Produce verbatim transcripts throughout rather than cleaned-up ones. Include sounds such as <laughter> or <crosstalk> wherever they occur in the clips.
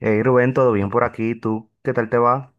Hey Rubén, ¿todo bien por aquí? ¿Tú qué tal te va?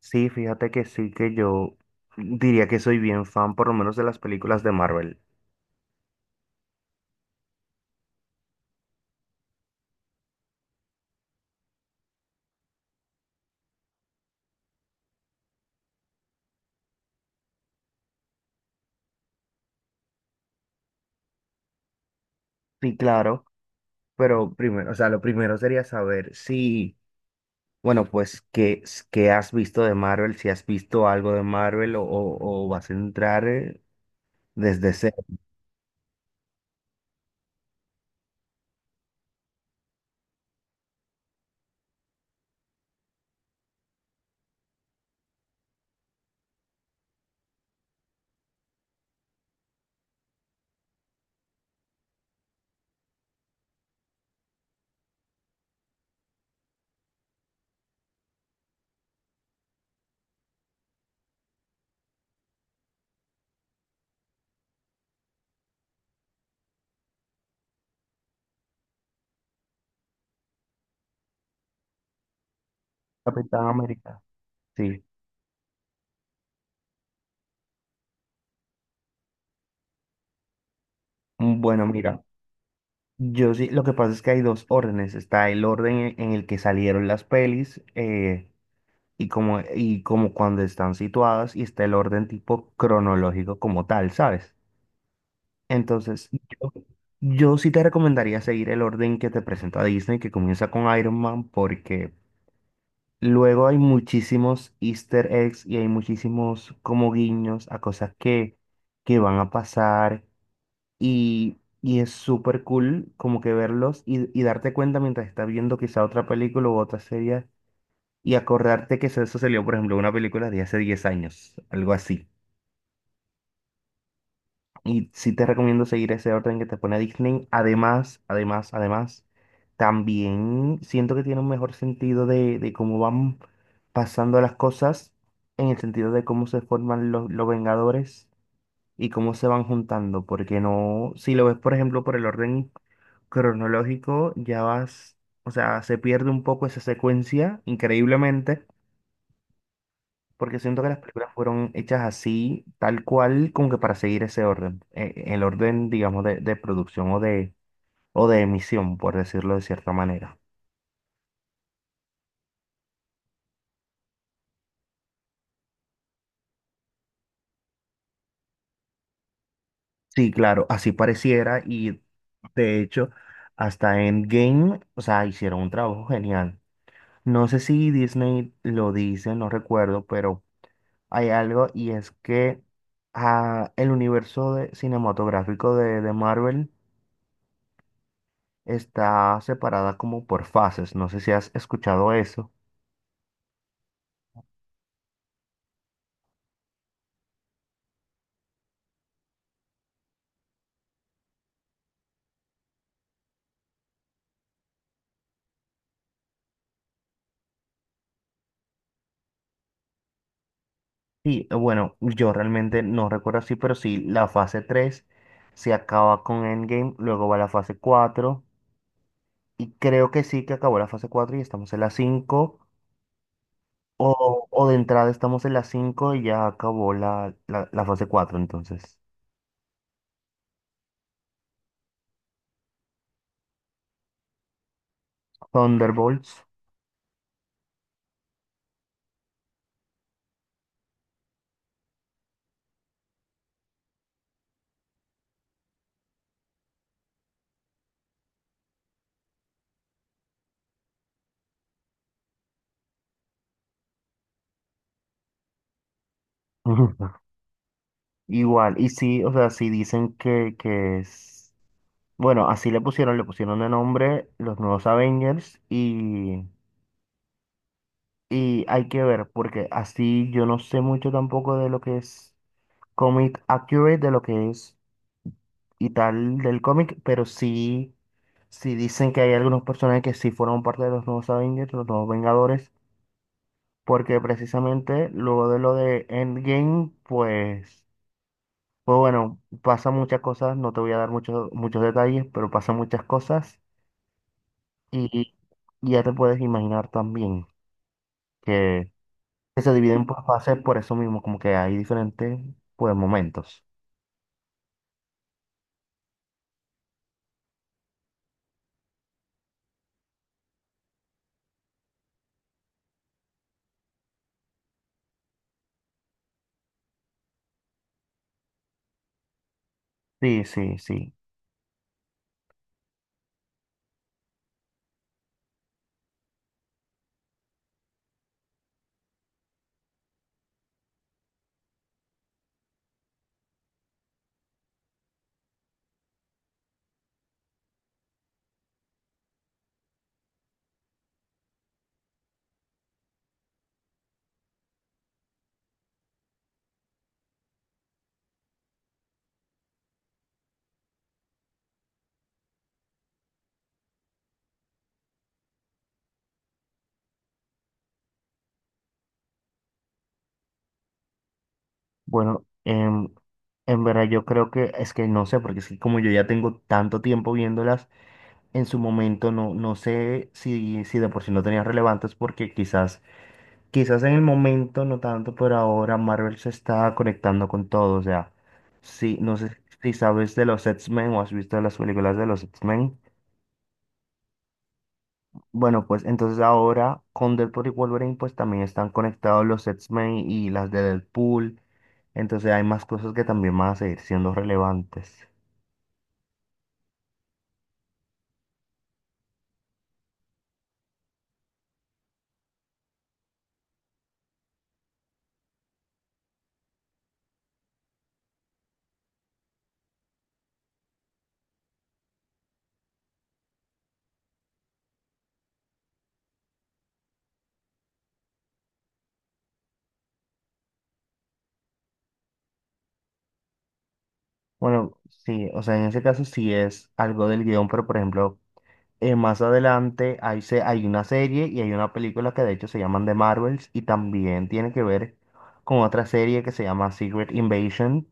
Sí, fíjate que sí, que yo diría que soy bien fan por lo menos de las películas de Marvel. Sí, claro, pero primero, o sea, lo primero sería saber si, bueno, pues, ¿qué, s- qué has visto de Marvel. Si has visto algo de Marvel o, o- o vas a entrar eh, desde cero. Capitán América. Sí. Mm, bueno, mira. Yo sí, lo que pasa es que hay dos órdenes. Está el orden en en el que salieron las pelis. eh, y como, y como cuando están situadas, y está el orden tipo cronológico como tal, ¿sabes? Entonces, yo, yo sí te recomendaría seguir el orden que te presenta Disney, que comienza con Iron Man, porque luego hay muchísimos Easter eggs y hay muchísimos como guiños a cosas que, que van a pasar. Y... Y es súper cool, como que verlos y, y darte cuenta mientras estás viendo quizá otra película u otra serie, y acordarte que eso, eso salió, por ejemplo, una película de hace diez años, algo así. Y sí te recomiendo seguir ese orden que te pone Disney. Además, además, además, también siento que tiene un mejor sentido de, de, cómo van pasando las cosas, en el sentido de cómo se forman los, los Vengadores y cómo se van juntando. Porque no, si lo ves, por ejemplo, por el orden cronológico, ya vas, o sea, se pierde un poco esa secuencia, increíblemente, porque siento que las películas fueron hechas así, tal cual, como que para seguir ese orden, eh, el orden, digamos, de, de, producción o de, o de emisión, por decirlo de cierta manera. Sí, claro, así pareciera. Y de hecho, hasta Endgame, o sea, hicieron un trabajo genial. No sé si Disney lo dice, no recuerdo, pero hay algo, y es que ah, el universo de- cinematográfico de, de Marvel está separada como por fases. No sé si has escuchado eso. Sí, eh, bueno, yo realmente no recuerdo así, pero sí, la fase tres se acaba con Endgame, luego va la fase cuatro, y creo que sí, que acabó la fase cuatro y estamos en la cinco. O, o de entrada estamos en la cinco y ya acabó la, la, la fase cuatro entonces. Thunderbolts. <laughs> Ujú. Igual, y sí, o sea, sí dicen que, que es. Bueno, así le pusieron, le pusieron de nombre los nuevos Avengers, y, y hay que ver, porque así yo no sé mucho tampoco de lo que es comic accurate, de lo que es y tal del cómic, pero sí, sí dicen que hay algunos personajes que sí fueron parte de los nuevos Avengers, los nuevos Vengadores, porque precisamente luego de lo de Endgame, pues, pues bueno, pasan muchas cosas. No te voy a dar muchos, muchos detalles, pero pasan muchas cosas. Y y ya te puedes imaginar también que, que se dividen por fases por eso mismo, como que hay diferentes pues, momentos. Sí, sí, sí. Bueno, em, en verdad yo creo que es que no sé, porque es que como yo ya tengo tanto tiempo viéndolas, en su momento no, no sé si, si de por sí no tenían relevantes, porque quizás, quizás en el momento no tanto, pero ahora Marvel se está conectando con todo. O sea, sí, no sé si sabes de los X-Men, o has visto las películas de los X-Men. Bueno, pues entonces ahora con Deadpool y Wolverine pues también están conectados los X-Men y las de Deadpool. Entonces hay más cosas que también van a seguir siendo relevantes. Bueno, sí, o sea, en ese caso sí es algo del guión, pero por ejemplo, eh, más adelante hay, se- hay una serie y hay una película que de hecho se llaman The Marvels, y también tiene que ver con otra serie que se llama Secret Invasion.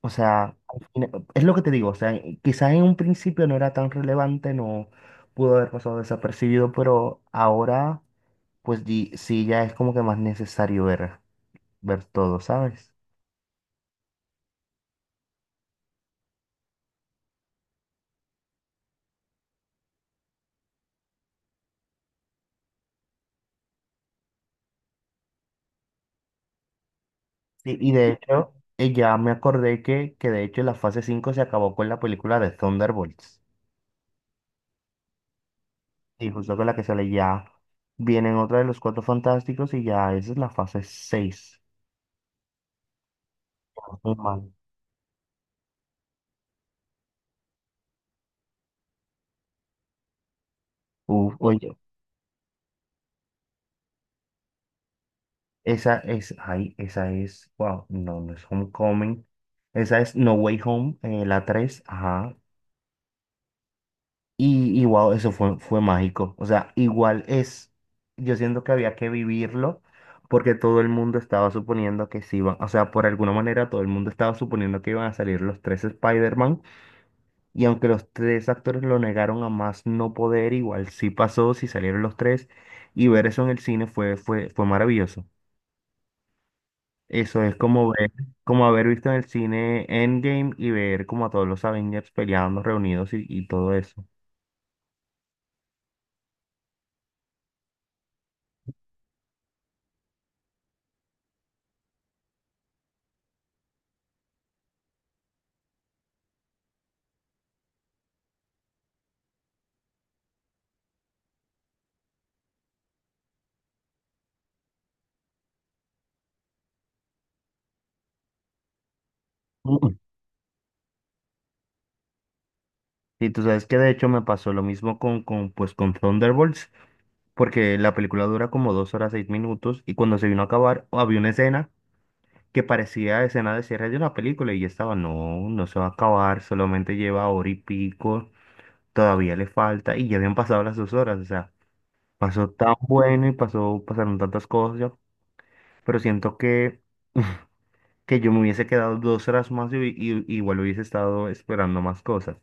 O sea, al fina- es lo que te digo. O sea, quizás en un principio no era tan relevante, no pudo haber pasado desapercibido, pero ahora, pues di- sí, ya es como que más necesario ver, ver, todo, ¿sabes? Sí, y de hecho, eh, ya me acordé que, que de hecho la fase cinco se acabó con la película de Thunderbolts, y justo con la que sale ya, vienen otra de los Cuatro Fantásticos, y ya esa es la fase seis. Uf, oye. Esa es, ay, esa es, wow, no, no es Homecoming. Esa es No Way Home, eh, la tres, ajá. Y, y wow, eso fue, fue mágico. O sea, igual es, yo siento que había que vivirlo, porque todo el mundo estaba suponiendo que sí iban, o sea, por alguna manera todo el mundo estaba suponiendo que iban a salir los tres Spider-Man, y aunque los tres actores lo negaron a más no poder, igual sí pasó, sí salieron los tres, y ver eso en el cine fue, fue, fue maravilloso. Eso es como ver, como haber visto en el cine Endgame y ver como a todos los Avengers peleando, reunidos, y, y todo eso. Mm. Y tú sabes que de hecho me pasó lo mismo con, con, pues, con Thunderbolts, porque la película dura como dos horas seis minutos, y cuando se vino a acabar había una escena que parecía escena de cierre de una película, y ya estaba, no, no se va a acabar, solamente lleva hora y pico, todavía le falta, y ya habían pasado las dos horas. O sea, pasó tan bueno y pasó, pasaron tantas cosas, pero siento que... <laughs> que yo me hubiese quedado dos horas más, y, y- igual hubiese estado esperando más cosas.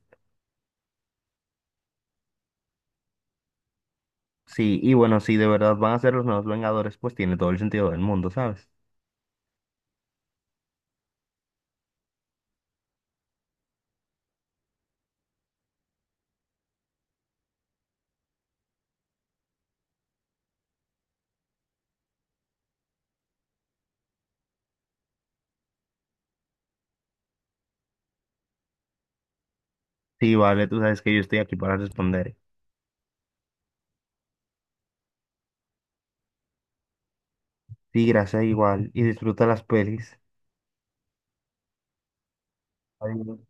Sí, y bueno, si de verdad van a ser los nuevos Vengadores, pues tiene todo el sentido del mundo, ¿sabes? Sí, vale, tú sabes que yo estoy aquí para responder. Sí, gracias, igual, y disfruta las pelis. Adiós.